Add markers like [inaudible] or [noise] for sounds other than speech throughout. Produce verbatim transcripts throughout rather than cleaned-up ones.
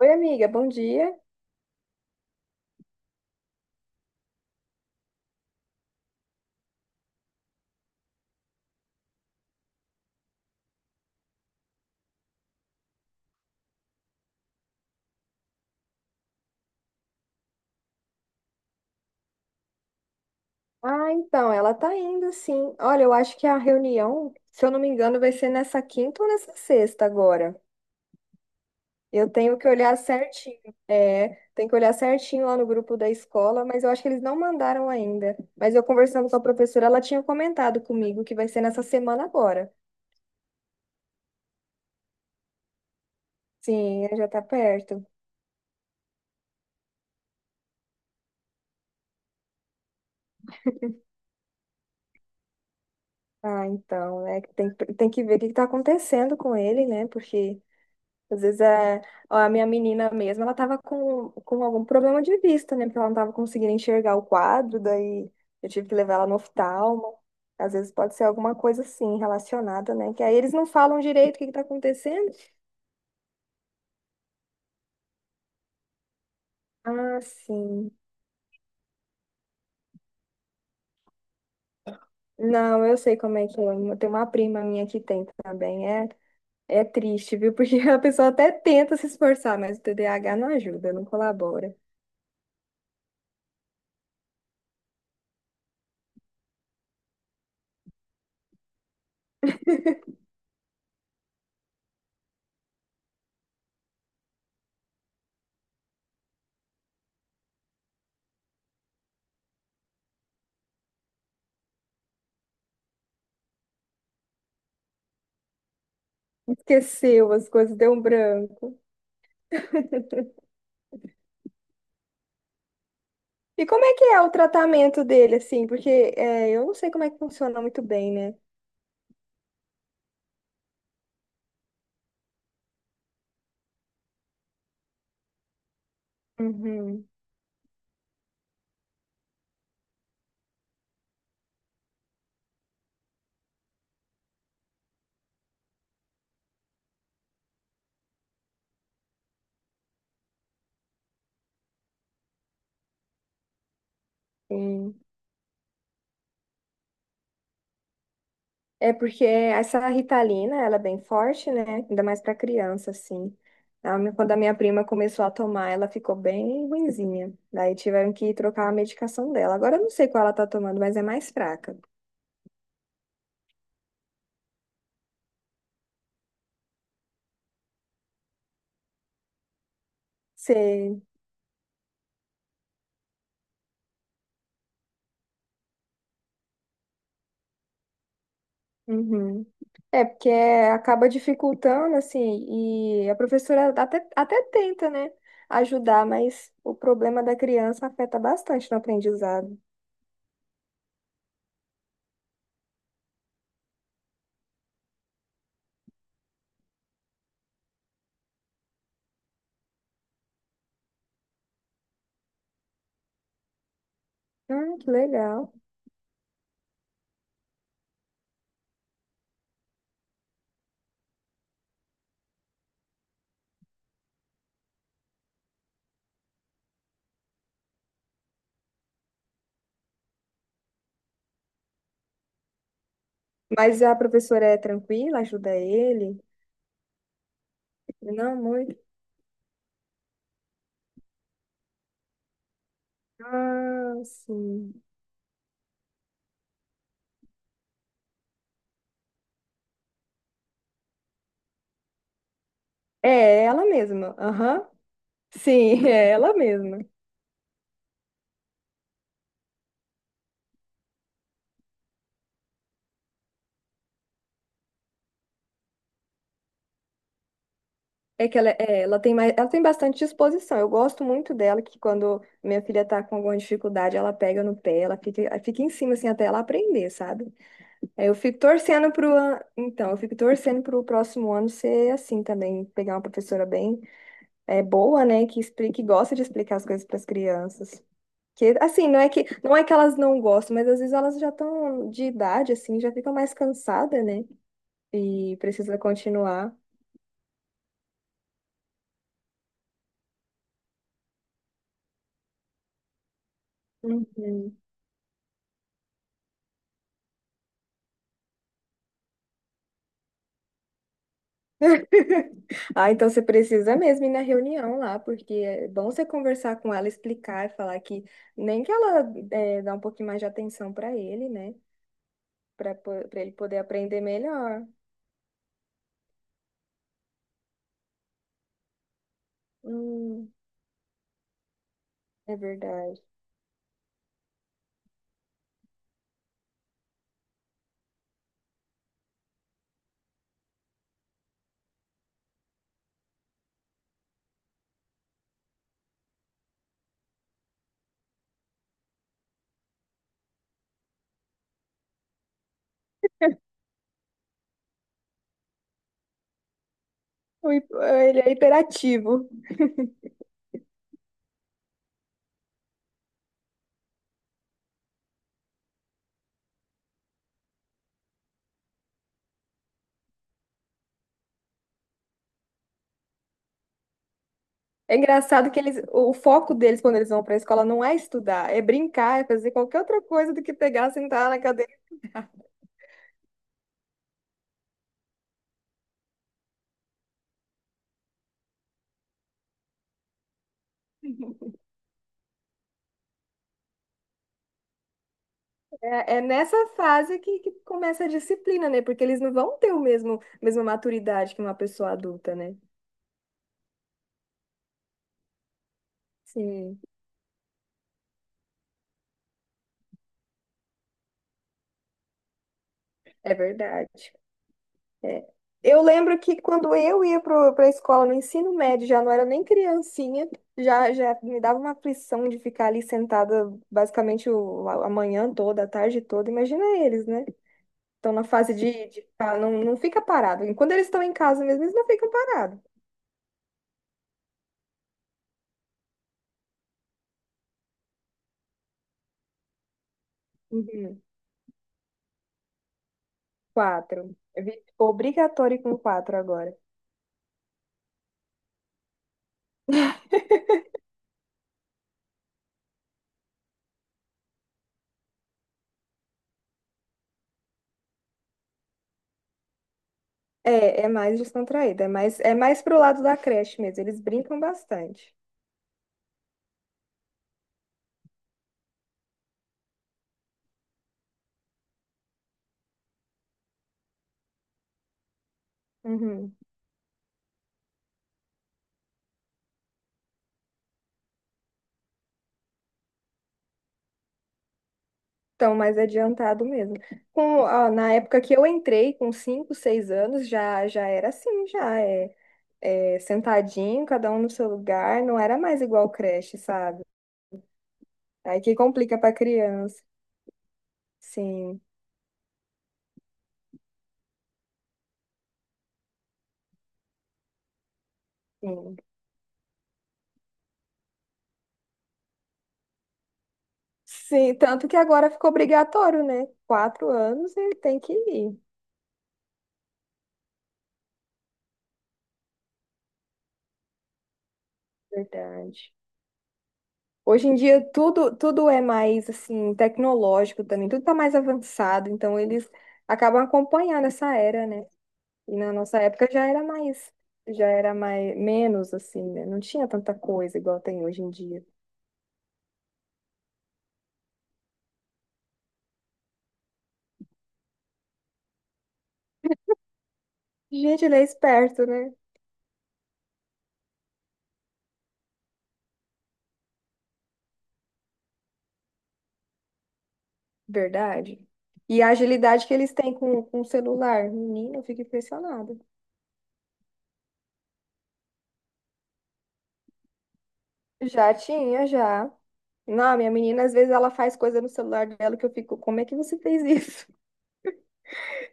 Oi, amiga, bom dia. Ah, então, ela tá indo, sim. Olha, eu acho que a reunião, se eu não me engano, vai ser nessa quinta ou nessa sexta agora. Eu tenho que olhar certinho. É, tem que olhar certinho lá no grupo da escola, mas eu acho que eles não mandaram ainda. Mas eu conversando com a professora, ela tinha comentado comigo que vai ser nessa semana agora. Sim, né, já tá perto. Ah, então, é que tem, tem que ver o que que tá acontecendo com ele, né? Porque às vezes é. Ó, a minha menina mesmo, ela tava com, com algum problema de vista, né? Porque ela não tava conseguindo enxergar o quadro, daí eu tive que levar ela no oftalmo. Às vezes pode ser alguma coisa assim, relacionada, né? Que aí eles não falam direito o que que tá acontecendo. Ah, sim. Não, eu sei como é que é. Tem uma prima minha que tem também. É, é triste, viu? [laughs] Porque a pessoa até tenta se esforçar, mas o T D A H não ajuda, não colabora. Esqueceu as coisas, deu um branco. E como é que é o tratamento dele, assim? Porque é, eu não sei como é que funciona muito bem, né? Uhum, sim. É porque essa Ritalina, ela é bem forte, né? Ainda mais pra criança, assim. A minha- Quando a minha prima começou a tomar, ela ficou bem ruinzinha. Daí tiveram que trocar a medicação dela. Agora eu não sei qual ela tá tomando, mas é mais fraca. Uhum. É, porque acaba dificultando, assim, e a professora até, até tenta, né, ajudar, mas o problema da criança afeta bastante no aprendizado. Ah, que legal. Mas a professora é tranquila, ajuda ele? Não, muito. Ah, sim. É ela mesma. Aham. Sim, [laughs] é ela mesma. É que ela, é, ela tem mais, ela tem bastante disposição. Eu gosto muito dela, que quando minha filha tá com alguma dificuldade, ela pega no pé, ela fica, ela fica em cima, assim, até ela aprender, sabe? Aí eu fico torcendo pro, an- então, eu fico torcendo pro próximo ano ser assim também, pegar uma professora bem, é, boa, né, que explique, que gosta de explicar as coisas para as crianças. Que, assim, não é que, não é que elas não gostam, mas às vezes elas já estão de idade, assim, já ficam mais cansadas, né? E precisa continuar. Uhum. [laughs] Ah, então você precisa mesmo ir na reunião lá, porque é bom você conversar com ela, explicar, falar que nem que ela é, dá um pouquinho mais de atenção para ele, né? Para para ele poder aprender melhor. Hum, é verdade. O hi- Ele é hiperativo. É engraçado que eles, o foco deles quando eles vão para a escola não é estudar, é brincar, é fazer qualquer outra coisa do que pegar, sentar na cadeira. É, é nessa fase que, que começa a disciplina, né? Porque eles não vão ter o mesmo, mesma maturidade que uma pessoa adulta, né? Sim, é verdade. É. Eu lembro que quando eu ia para a escola no ensino médio, já não era nem criancinha, já, já me dava uma aflição de ficar ali sentada basicamente o, a a manhã toda, a tarde toda. Imagina eles, né? Estão na fase de, de ficar- não, não fica parado. E quando eles estão em casa mesmo, eles não ficam parados. Uhum. Quatro. Eu vi- Obrigatório com quatro agora. É, é mais descontraída, é mais, é mais pro lado da creche mesmo. Eles brincam bastante. Uhum. Estão mais adiantado mesmo. Com, ó, na época que eu entrei, com cinco, seis anos, já, já era assim, já é, é sentadinho, cada um no seu lugar, não era mais igual creche, sabe? Aí que complica pra criança. Sim, sim. Sim, tanto que agora ficou obrigatório, né? Quatro anos e tem que ir. Verdade. Hoje em dia tudo, tudo é mais assim tecnológico também, tudo está mais avançado, então eles acabam acompanhando essa era, né? E na nossa época já era mais, já era mais menos assim, né? Não tinha tanta coisa igual tem hoje em dia. Gente, ele é esperto, né? Verdade. E a agilidade que eles têm com, com o celular, menina, eu fico impressionada. Já tinha, já. Não, minha menina, às vezes ela faz coisa no celular dela que eu fico, como é que você fez isso?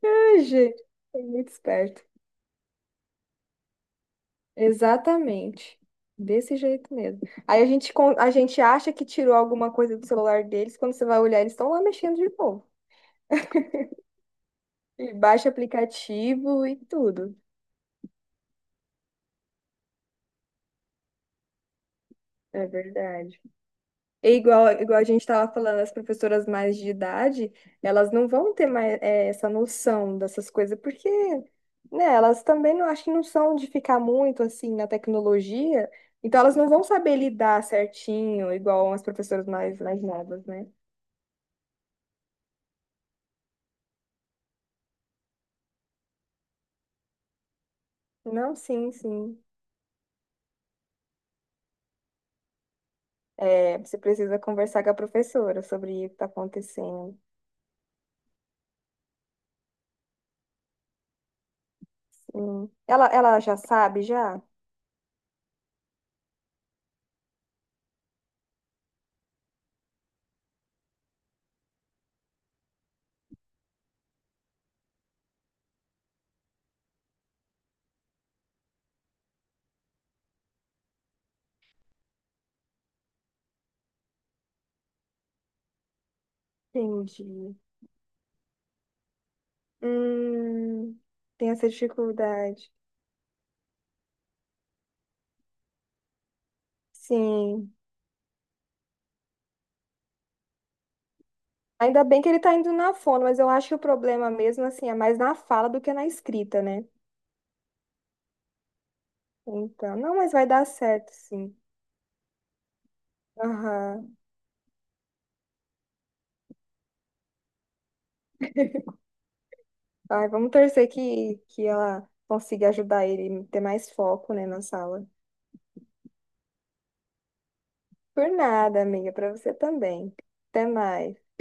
[laughs] Ai, gente, é muito esperto. Exatamente. Desse jeito mesmo. Aí a gente, con- a gente acha que tirou alguma coisa do celular deles, quando você vai olhar, eles estão lá mexendo de novo. E baixa aplicativo e tudo. É verdade. E igual, igual a gente estava falando, as professoras mais de idade, elas não vão ter mais eh, essa noção dessas coisas, porque, né, elas também não acho que não são de ficar muito assim na tecnologia, então elas não vão saber lidar certinho, igual as professoras mais, mais novas, né? Não, sim, sim. É, você precisa conversar com a professora sobre o que está acontecendo. Sim. Ela, ela já sabe, já? Entendi. Hum, tem essa dificuldade. Sim. Ainda bem que ele está indo na fono, mas eu acho que o problema mesmo, assim, é mais na fala do que na escrita, né? Então, não, mas vai dar certo, sim. Aham. Ai, vamos torcer que, que ela consiga ajudar ele a ter mais foco, né, na sala. Por nada, amiga, para você também. Até mais.